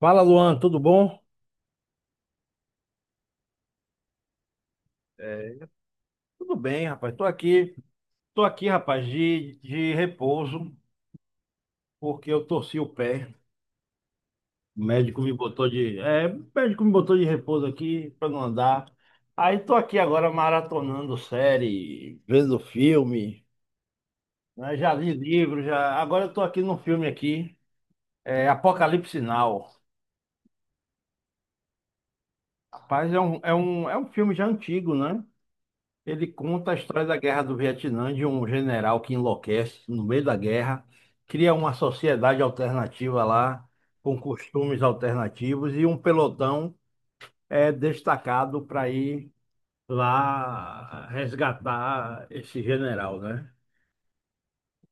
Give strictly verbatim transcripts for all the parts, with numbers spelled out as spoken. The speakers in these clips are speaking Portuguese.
Fala, Luan, tudo bom? É, tudo bem, rapaz. Tô aqui, tô aqui, rapaz, de, de repouso, porque eu torci o pé. O médico me botou de, é, o médico me botou de repouso aqui para não andar. Aí tô aqui agora maratonando série, vendo filme, né? Já li livro, já. Agora eu tô aqui num filme aqui, é Apocalipse Now. Rapaz, é um, é um, é um filme já antigo, né? Ele conta a história da Guerra do Vietnã, de um general que enlouquece no meio da guerra, cria uma sociedade alternativa lá, com costumes alternativos, e um pelotão é destacado para ir lá resgatar esse general, né?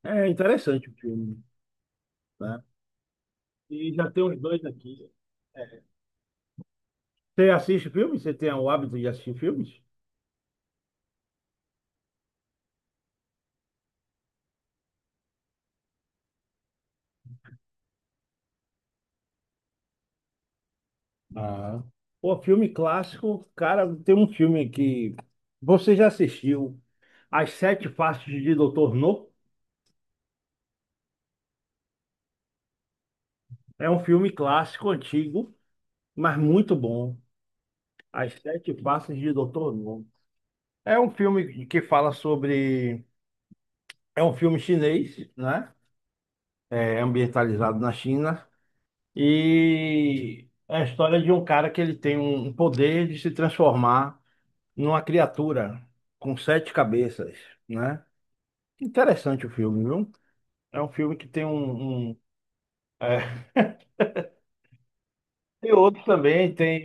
É interessante o filme, né? E já tem uns dois aqui. É. Você assiste filmes? Você tem o hábito de assistir filmes? Ah. Pô, filme clássico, cara, tem um filme que você já assistiu As Sete Faces de Doutor No? É um filme clássico, antigo, mas muito bom. As Sete Faces de Doutor No. É um filme que fala sobre. É um filme chinês, né? É ambientalizado na China. E é a história de um cara que ele tem um poder de se transformar numa criatura com sete cabeças, né? Interessante o filme, viu? É um filme que tem um, um- é, tem outro também, tem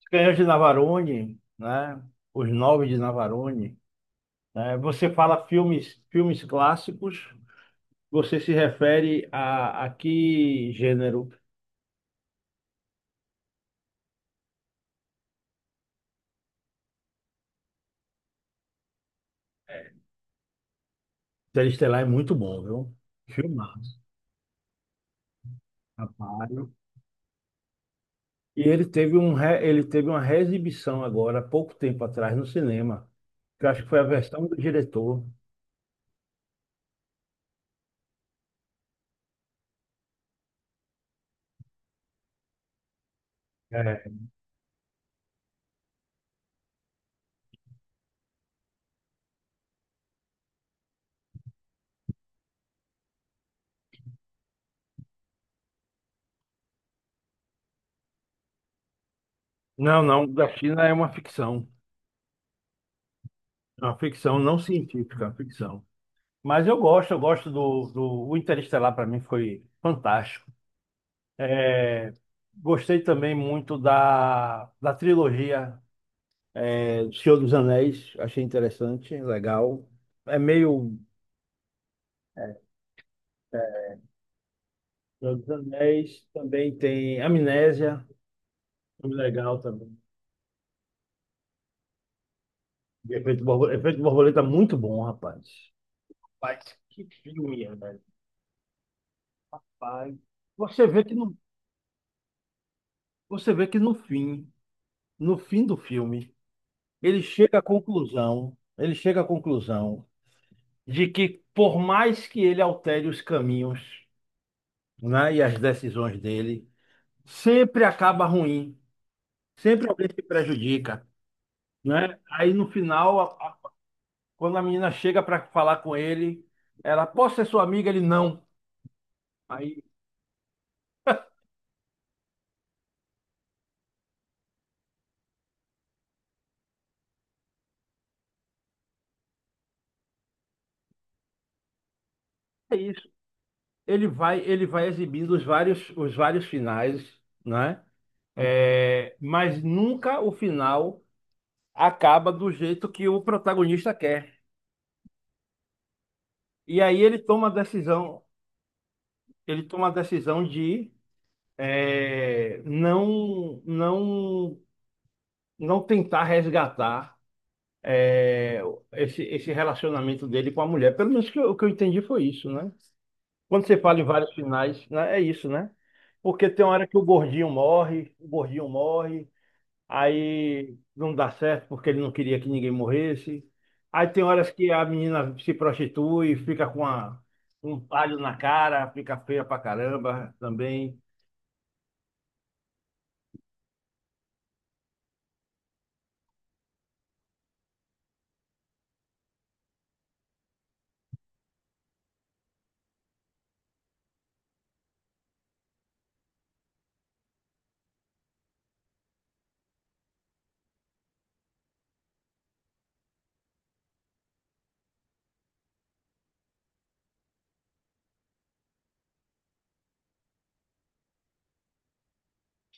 Os Canhões de Navarone, né? Os Nove de Navarone. Né? Você fala filmes, filmes, clássicos, você se refere a, a que gênero? Interestelar é muito bom, viu? Filmaço, rapaz. E ele teve um, re- ele teve uma reexibição agora, há pouco tempo atrás, no cinema, que eu acho que foi a versão do diretor. É. Não, não, da China é uma ficção. É uma ficção não científica, é uma ficção. Mas eu gosto, eu gosto do, do o Interestelar para mim foi fantástico. É, gostei também muito da, da trilogia é, do Senhor dos Anéis, achei interessante, legal. É meio Senhor dos Anéis, também tem Amnésia, filme legal também. E Efeito Borboleta, Efeito Borboleta é muito bom, rapaz. Rapaz, que filme, é, velho. Pai. Você vê que no, você vê que no fim, no fim do filme, ele chega à conclusão, ele chega à conclusão de que por mais que ele altere os caminhos, né, e as decisões dele, sempre acaba ruim, sempre alguém se prejudica, né? Aí no final, a- a- quando a menina chega para falar com ele, ela, posso ser sua amiga? Ele, não. Aí é isso. Ele vai, ele vai exibindo os vários, os vários finais, né? É, mas nunca o final acaba do jeito que o protagonista quer. E aí ele toma a decisão, ele toma a decisão de é, não, não, não tentar resgatar é, esse, esse relacionamento dele com a mulher. Pelo menos que eu- o que eu entendi foi isso, né? Quando você fala em vários finais, né, é isso, né? Porque tem uma hora que o gordinho morre, o gordinho morre, aí não dá certo porque ele não queria que ninguém morresse. Aí tem horas que a menina se prostitui, fica com a- um palho na cara, fica feia pra caramba também.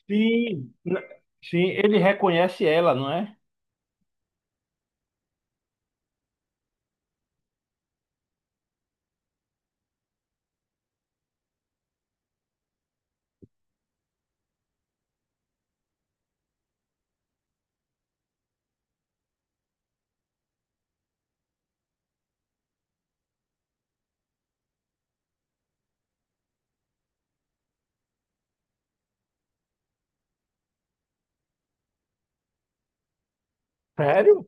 Sim, n- sim, ele reconhece ela, não é? Sério?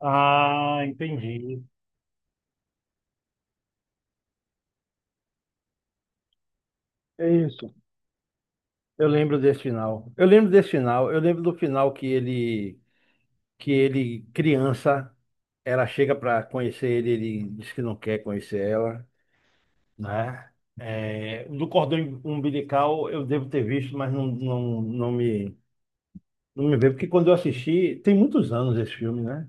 Ah, entendi. É isso. Eu lembro desse final. Eu lembro desse final. Eu lembro do final que ele, que ele criança, ela chega para conhecer ele, ele diz que não quer conhecer ela, né? É, do cordão umbilical eu devo ter visto, mas não, não, não me, não me veio, porque quando eu assisti, tem muitos anos esse filme, né?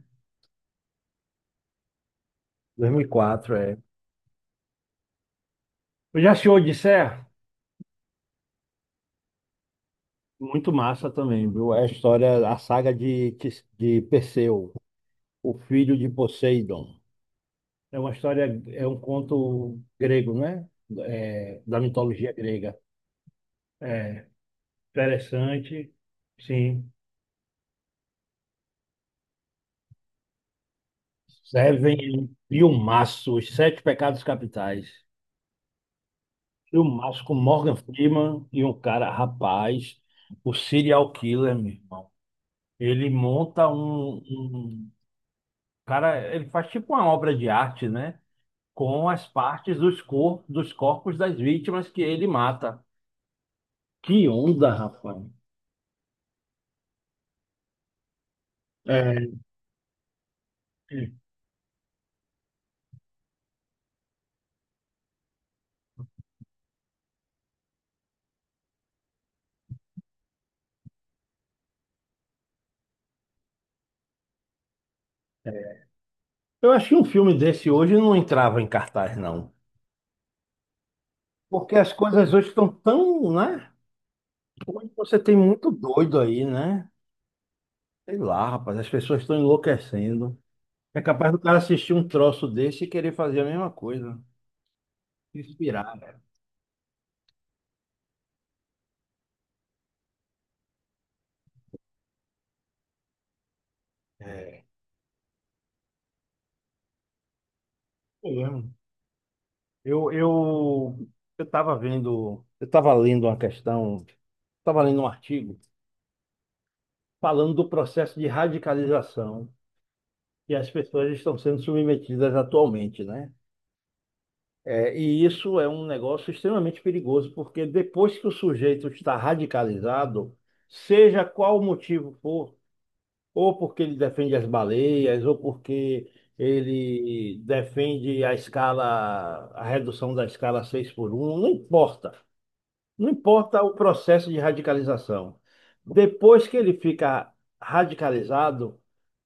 Dois mil e quatro é. Eu já assisti Odisseia? Muito massa também, viu? É a história, a saga de, Tis- de Perseu, o filho de Poseidon. É uma história, é um conto grego, né? É, da mitologia grega. É interessante, sim. Servem filmaço, Os Sete Pecados Capitais. Filmaço com Morgan Freeman e um cara, rapaz, o serial killer, meu irmão. Ele monta um, um... Cara, ele faz tipo uma obra de arte, né? Com as partes dos, cor dos corpos das vítimas que ele mata. Que onda, rapaz. É. Eu acho que um filme desse hoje não entrava em cartaz, não. Porque as coisas hoje estão tão, né? Hoje você tem muito doido aí, né? Sei lá, rapaz, as pessoas estão enlouquecendo. É capaz do cara assistir um troço desse e querer fazer a mesma coisa. Se inspirar, né? Eu lembro. eu, eu eu tava vendo, eu tava lendo uma questão, estava lendo um artigo falando do processo de radicalização que as pessoas estão sendo submetidas atualmente, né? É, e isso é um negócio extremamente perigoso, porque depois que o sujeito está radicalizado, seja qual o motivo for, ou porque ele defende as baleias, ou porque ele defende a escala, a redução da escala seis por um, não importa. Não importa o processo de radicalização. Depois que ele fica radicalizado,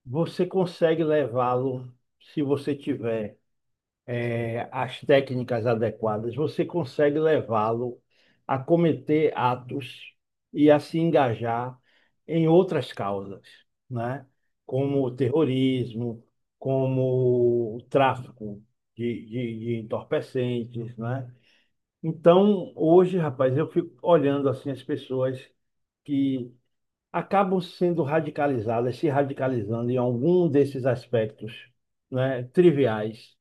você consegue levá-lo, se você tiver eh, as técnicas adequadas, você consegue levá-lo a cometer atos e a se engajar em outras causas, né? Como o terrorismo, como o tráfico de, de, de entorpecentes, né? Então, hoje, rapaz, eu fico olhando assim as pessoas que acabam sendo radicalizadas, se radicalizando em algum desses aspectos, né, triviais,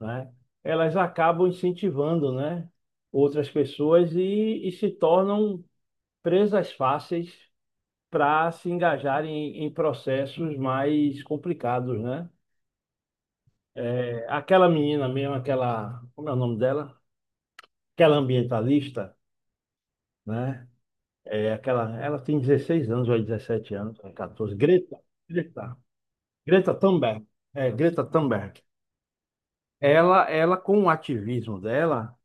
né? Elas acabam incentivando, né, outras pessoas e, e se tornam presas fáceis para se engajarem em, em processos mais complicados, né? É, aquela menina mesmo, aquela, como é o nome dela? Aquela ambientalista, né? É aquela, ela tem dezesseis anos ou dezessete anos, ou quatorze. Greta, Greta, Greta Thunberg. É, Greta Thunberg. Ela, ela, com o ativismo dela,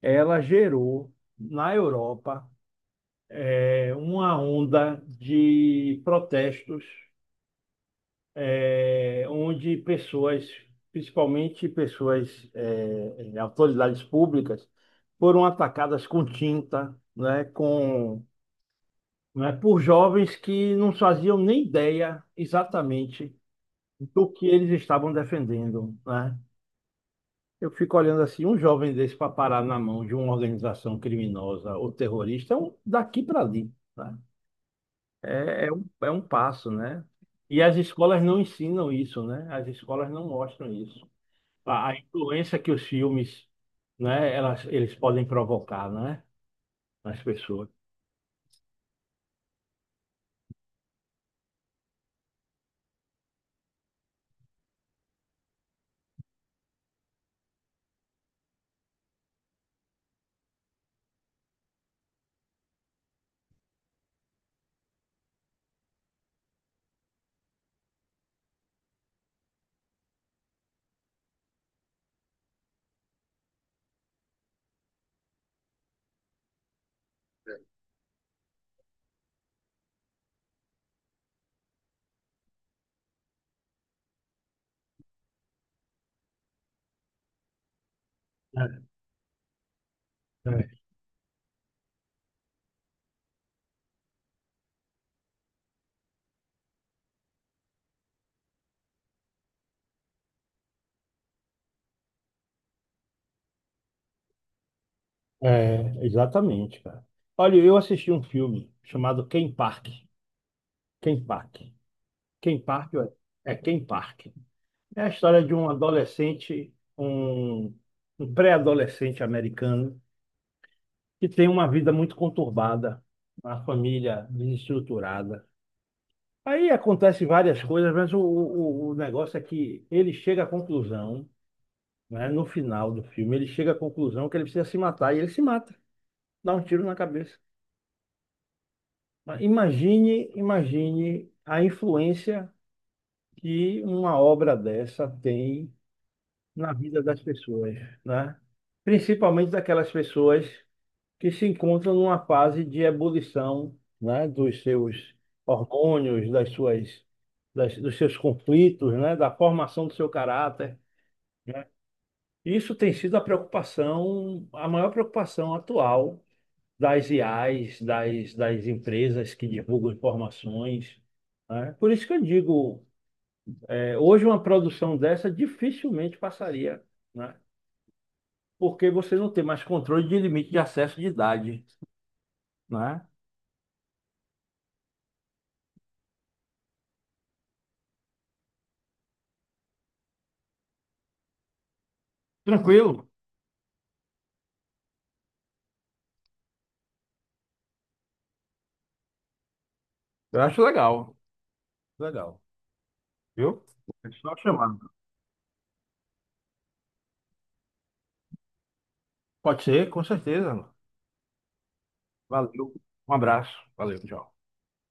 ela gerou na Europa é, uma onda de protestos, é, onde pessoas, principalmente pessoas, é, autoridades públicas, foram atacadas com tinta, né, com, né, por jovens que não faziam nem ideia exatamente do que eles estavam defendendo, né? Eu fico olhando assim, um jovem desse para parar na mão de uma organização criminosa ou terrorista, é um daqui para ali, né? É, é um, é um passo, né? E as escolas não ensinam isso, né? As escolas não mostram isso. A, a influência que os filmes, né, elas, eles podem provocar, né, nas pessoas. É, é. É, exatamente, cara. Olha, eu assisti um filme chamado Ken Park. Ken Park. Ken Park, ué. É Ken Park. É a história de um adolescente, um, um pré-adolescente americano que tem uma vida muito conturbada, uma família desestruturada. Aí acontece várias coisas, mas o, o, o negócio é que ele chega à conclusão, né, no final do filme, ele chega à conclusão que ele precisa se matar e ele se mata, dá um tiro na cabeça. Mas Imagine, imagine a influência que uma obra dessa tem na vida das pessoas, né? Principalmente daquelas pessoas que se encontram numa fase de ebulição, né, dos seus hormônios, das suas, das- dos seus conflitos, né, da formação do seu caráter, né? Isso tem sido a preocupação, a maior preocupação atual das ias, das, das empresas que divulgam informações, né? Por isso que eu digo, é, hoje uma produção dessa dificilmente passaria, né? Porque você não tem mais controle de limite de acesso de idade, né? Tranquilo? Eu acho legal, legal, viu? É só chamar. Pode ser, com certeza. Valeu, um abraço, valeu, tchau.